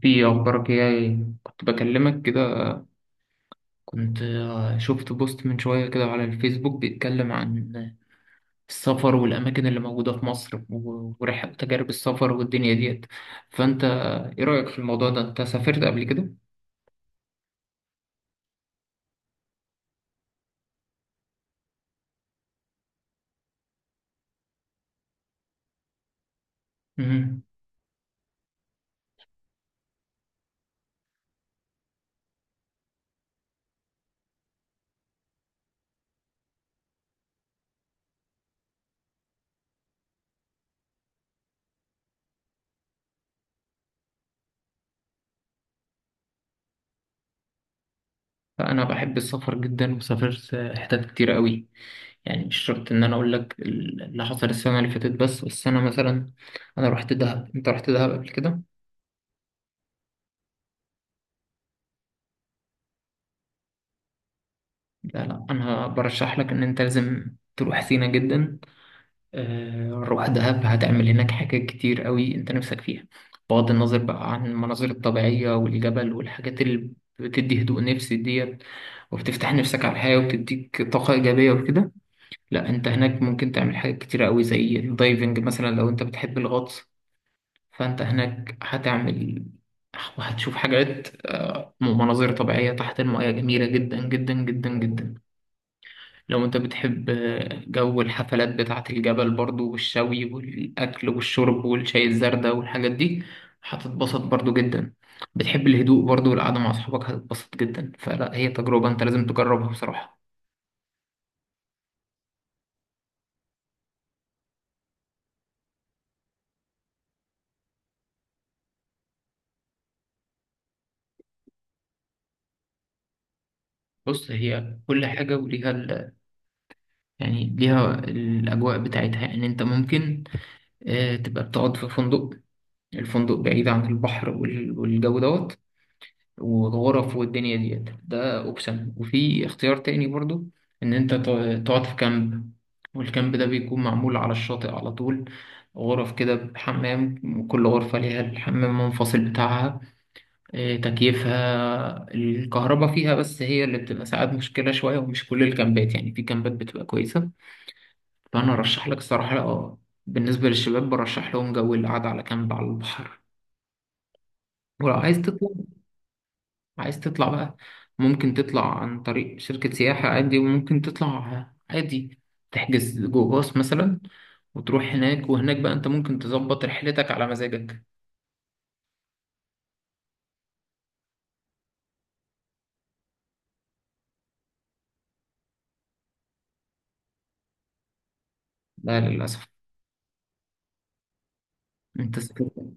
في أخبارك إيه؟ كنت بكلمك كده. كنت شفت بوست من شوية كده على الفيسبوك بيتكلم عن السفر والأماكن اللي موجودة في مصر ورحلة تجارب السفر والدنيا ديت. فأنت إيه رأيك في الموضوع ده؟ أنت سافرت قبل كده؟ مم. فأنا بحب السفر جدا وسافرت حتت كتير قوي، يعني مش شرط إن أنا أقول لك اللي حصل السنة اللي فاتت، بس أنا مثلا أنا رحت دهب. أنت رحت دهب قبل كده؟ لا لا، أنا برشح لك إن أنت لازم تروح سينا جدا. روح دهب، هتعمل هناك حاجات كتير قوي انت نفسك فيها، بغض النظر بقى عن المناظر الطبيعية والجبل والحاجات اللي بتدي هدوء نفسي ديت وبتفتح نفسك على الحياة وبتديك طاقة إيجابية وكده. لا، انت هناك ممكن تعمل حاجات كتير قوي زي الدايفنج مثلا، لو انت بتحب الغطس فانت هناك هتعمل وهتشوف حاجات، مناظر طبيعية تحت المياه جميلة جدا جدا جدا جدا. لو انت بتحب جو الحفلات بتاعة الجبل برضو والشوي والأكل والشرب والشاي الزردة والحاجات دي هتتبسط برضو جدا. بتحب الهدوء برضو والقعدة مع أصحابك هتتبسط جدا، فلا هي تجربة انت لازم تجربها بصراحة. بص، هي كل حاجة وليها ال... يعني ليها الأجواء بتاعتها. يعني انت ممكن تبقى بتقعد في فندق، الفندق بعيد عن البحر والجو دوت وغرف والدنيا ديت، ده اوبشن. وفي اختيار تاني برضو، ان انت تقعد في كامب، والكامب ده بيكون معمول على الشاطئ على طول. غرف كده بحمام، وكل غرفة ليها الحمام منفصل بتاعها، تكييفها الكهرباء فيها، بس هي اللي بتبقى ساعات مشكلة شوية، ومش كل الكامبات، يعني في كامبات بتبقى كويسة. فأنا أرشح لك الصراحة اه، بالنسبة للشباب برشح لهم جو القعدة على كامب على البحر. ولو عايز تطلع، عايز تطلع بقى، ممكن تطلع عن طريق شركة سياحة عادي، وممكن تطلع عادي تحجز جو باص مثلا وتروح هناك، وهناك بقى انت ممكن تظبط رحلتك على مزاجك. لا للأسف. انت سافرت؟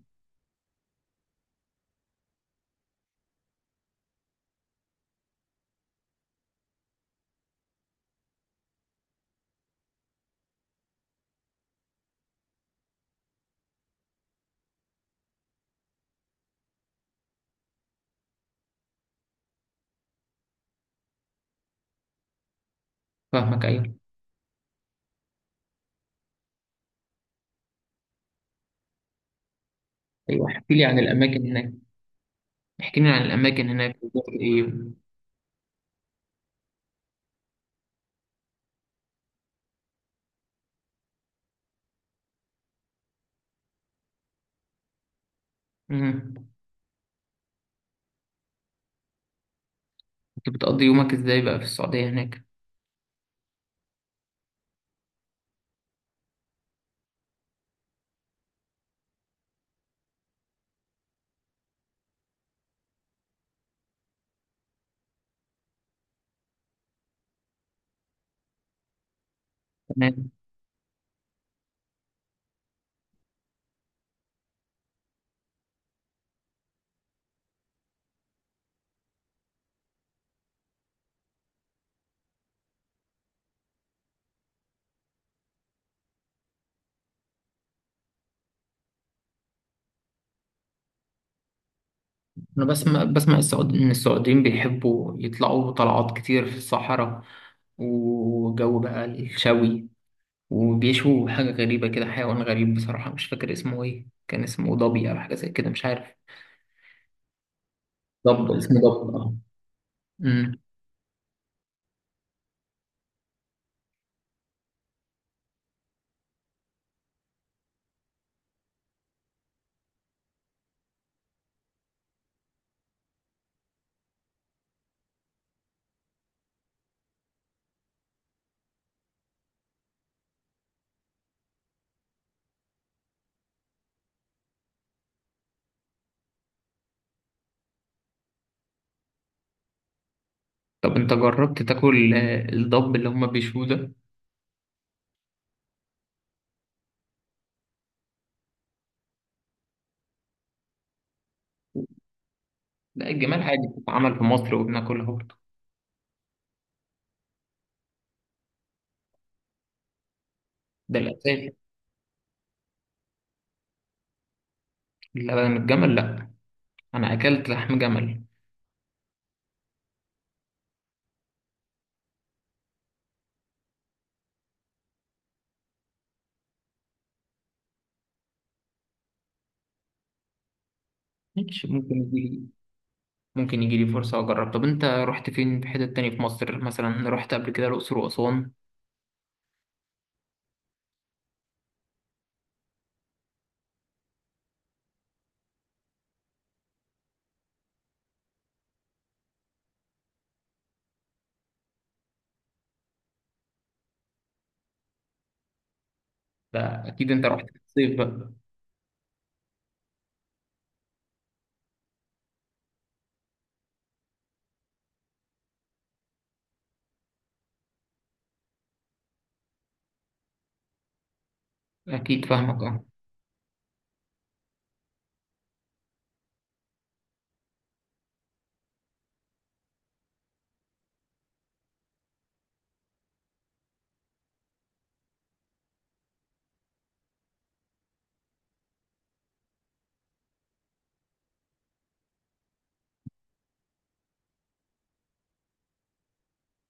فاهمك ايوه. ايوه، احكي لي عن الاماكن هناك، احكي لي عن الاماكن هناك بتقضي ايه. مم. كنت بتقضي يومك ازاي بقى في السعودية هناك؟ تمام. انا بسمع بسمع ان السعوديين بيحبوا يطلعوا طلعات كتير في الصحراء، وجو بقى الشوي، وبيشوا حاجة غريبة كده، حيوان غريب بصراحة مش فاكر اسمه ايه، كان اسمه ضبي أو حاجة زي كده، مش عارف. ضب، اسمه ضب اه. أمم. طب انت جربت تاكل الضب اللي هما بيشوه ده؟ لا الجمال عادي بتتعمل في مصر وبناكلها برضه، ده الأساس. لبن الجمل لا، أنا أكلت لحم جمل. ماشي، ممكن يجي، ممكن يجي لي فرصة أجرب. طب أنت رحت فين في حتت تانية في مصر، مثلا رحت قبل كده الأقصر وأسوان؟ ده أكيد أنت رحت في الصيف بقى. أكيد فاهمك أه.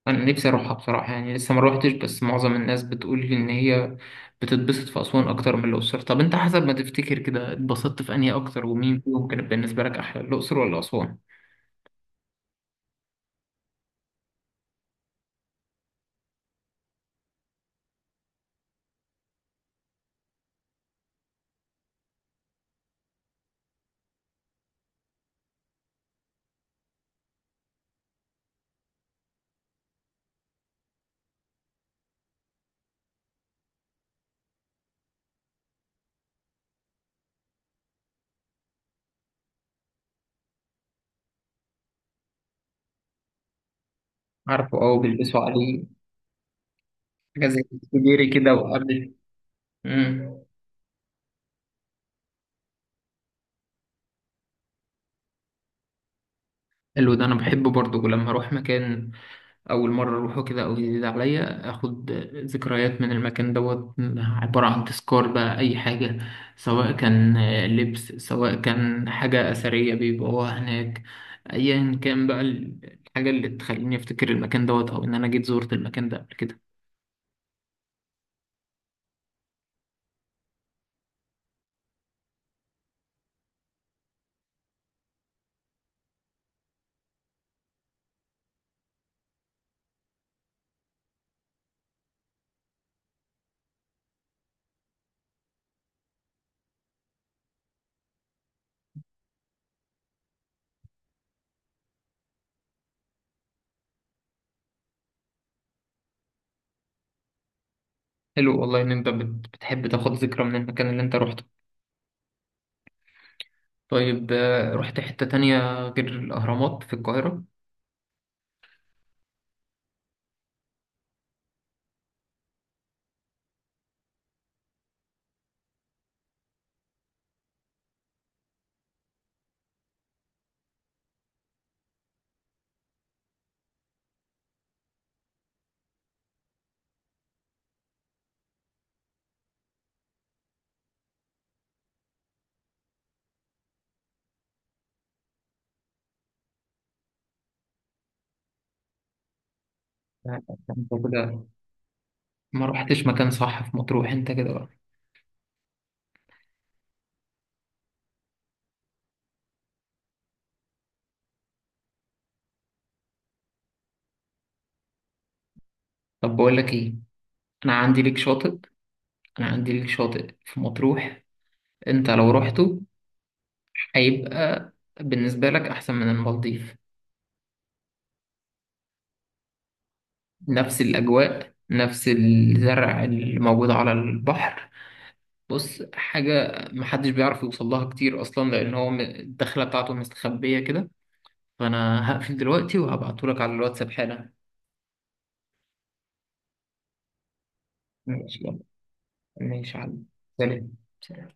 انا نفسي اروحها بصراحه، يعني لسه ما روحتش، بس معظم الناس بتقول لي ان هي بتتبسط في اسوان اكتر من الاقصر. طب انت حسب ما تفتكر كده اتبسطت في انهي اكتر، ومين فيهم كانت بالنسبه لك احلى، الاقصر ولا اسوان؟ عارفه اه، بيلبسوا عليه حاجه زي السديري كده وقبل. امم. حلو، ده انا بحبه برضه، لما اروح مكان أول مرة أروحه كده أو جديد عليا، أخد ذكريات من المكان دوت، عبارة عن تذكار بقى، أي حاجة، سواء كان لبس، سواء كان حاجة أثرية بيبقوها هناك، أيا كان بقى الحاجة اللي تخليني أفتكر المكان دوت، أو إن أنا جيت زورت المكان ده قبل كده. حلو والله إن أنت بتحب تاخد ذكرى من المكان اللي أنت روحته. طيب، رحت حتة تانية غير الأهرامات في القاهرة؟ لا، أنت كده ما رحتش مكان صح في مطروح، أنت كده بقى. طب بقول لك إيه، انا عندي ليك شاطئ، انا عندي ليك شاطئ في مطروح، انت لو رحته هيبقى بالنسبة لك احسن من المالديف. نفس الاجواء، نفس الزرع اللي موجود على البحر. بص، حاجة محدش بيعرف يوصل لها كتير اصلا، لان هو الدخلة بتاعته مستخبية كده. فانا هقفل دلوقتي وهبعتهولك على الواتساب حالا. ماشي يلا، ماشي يا علي. سلام، سلام.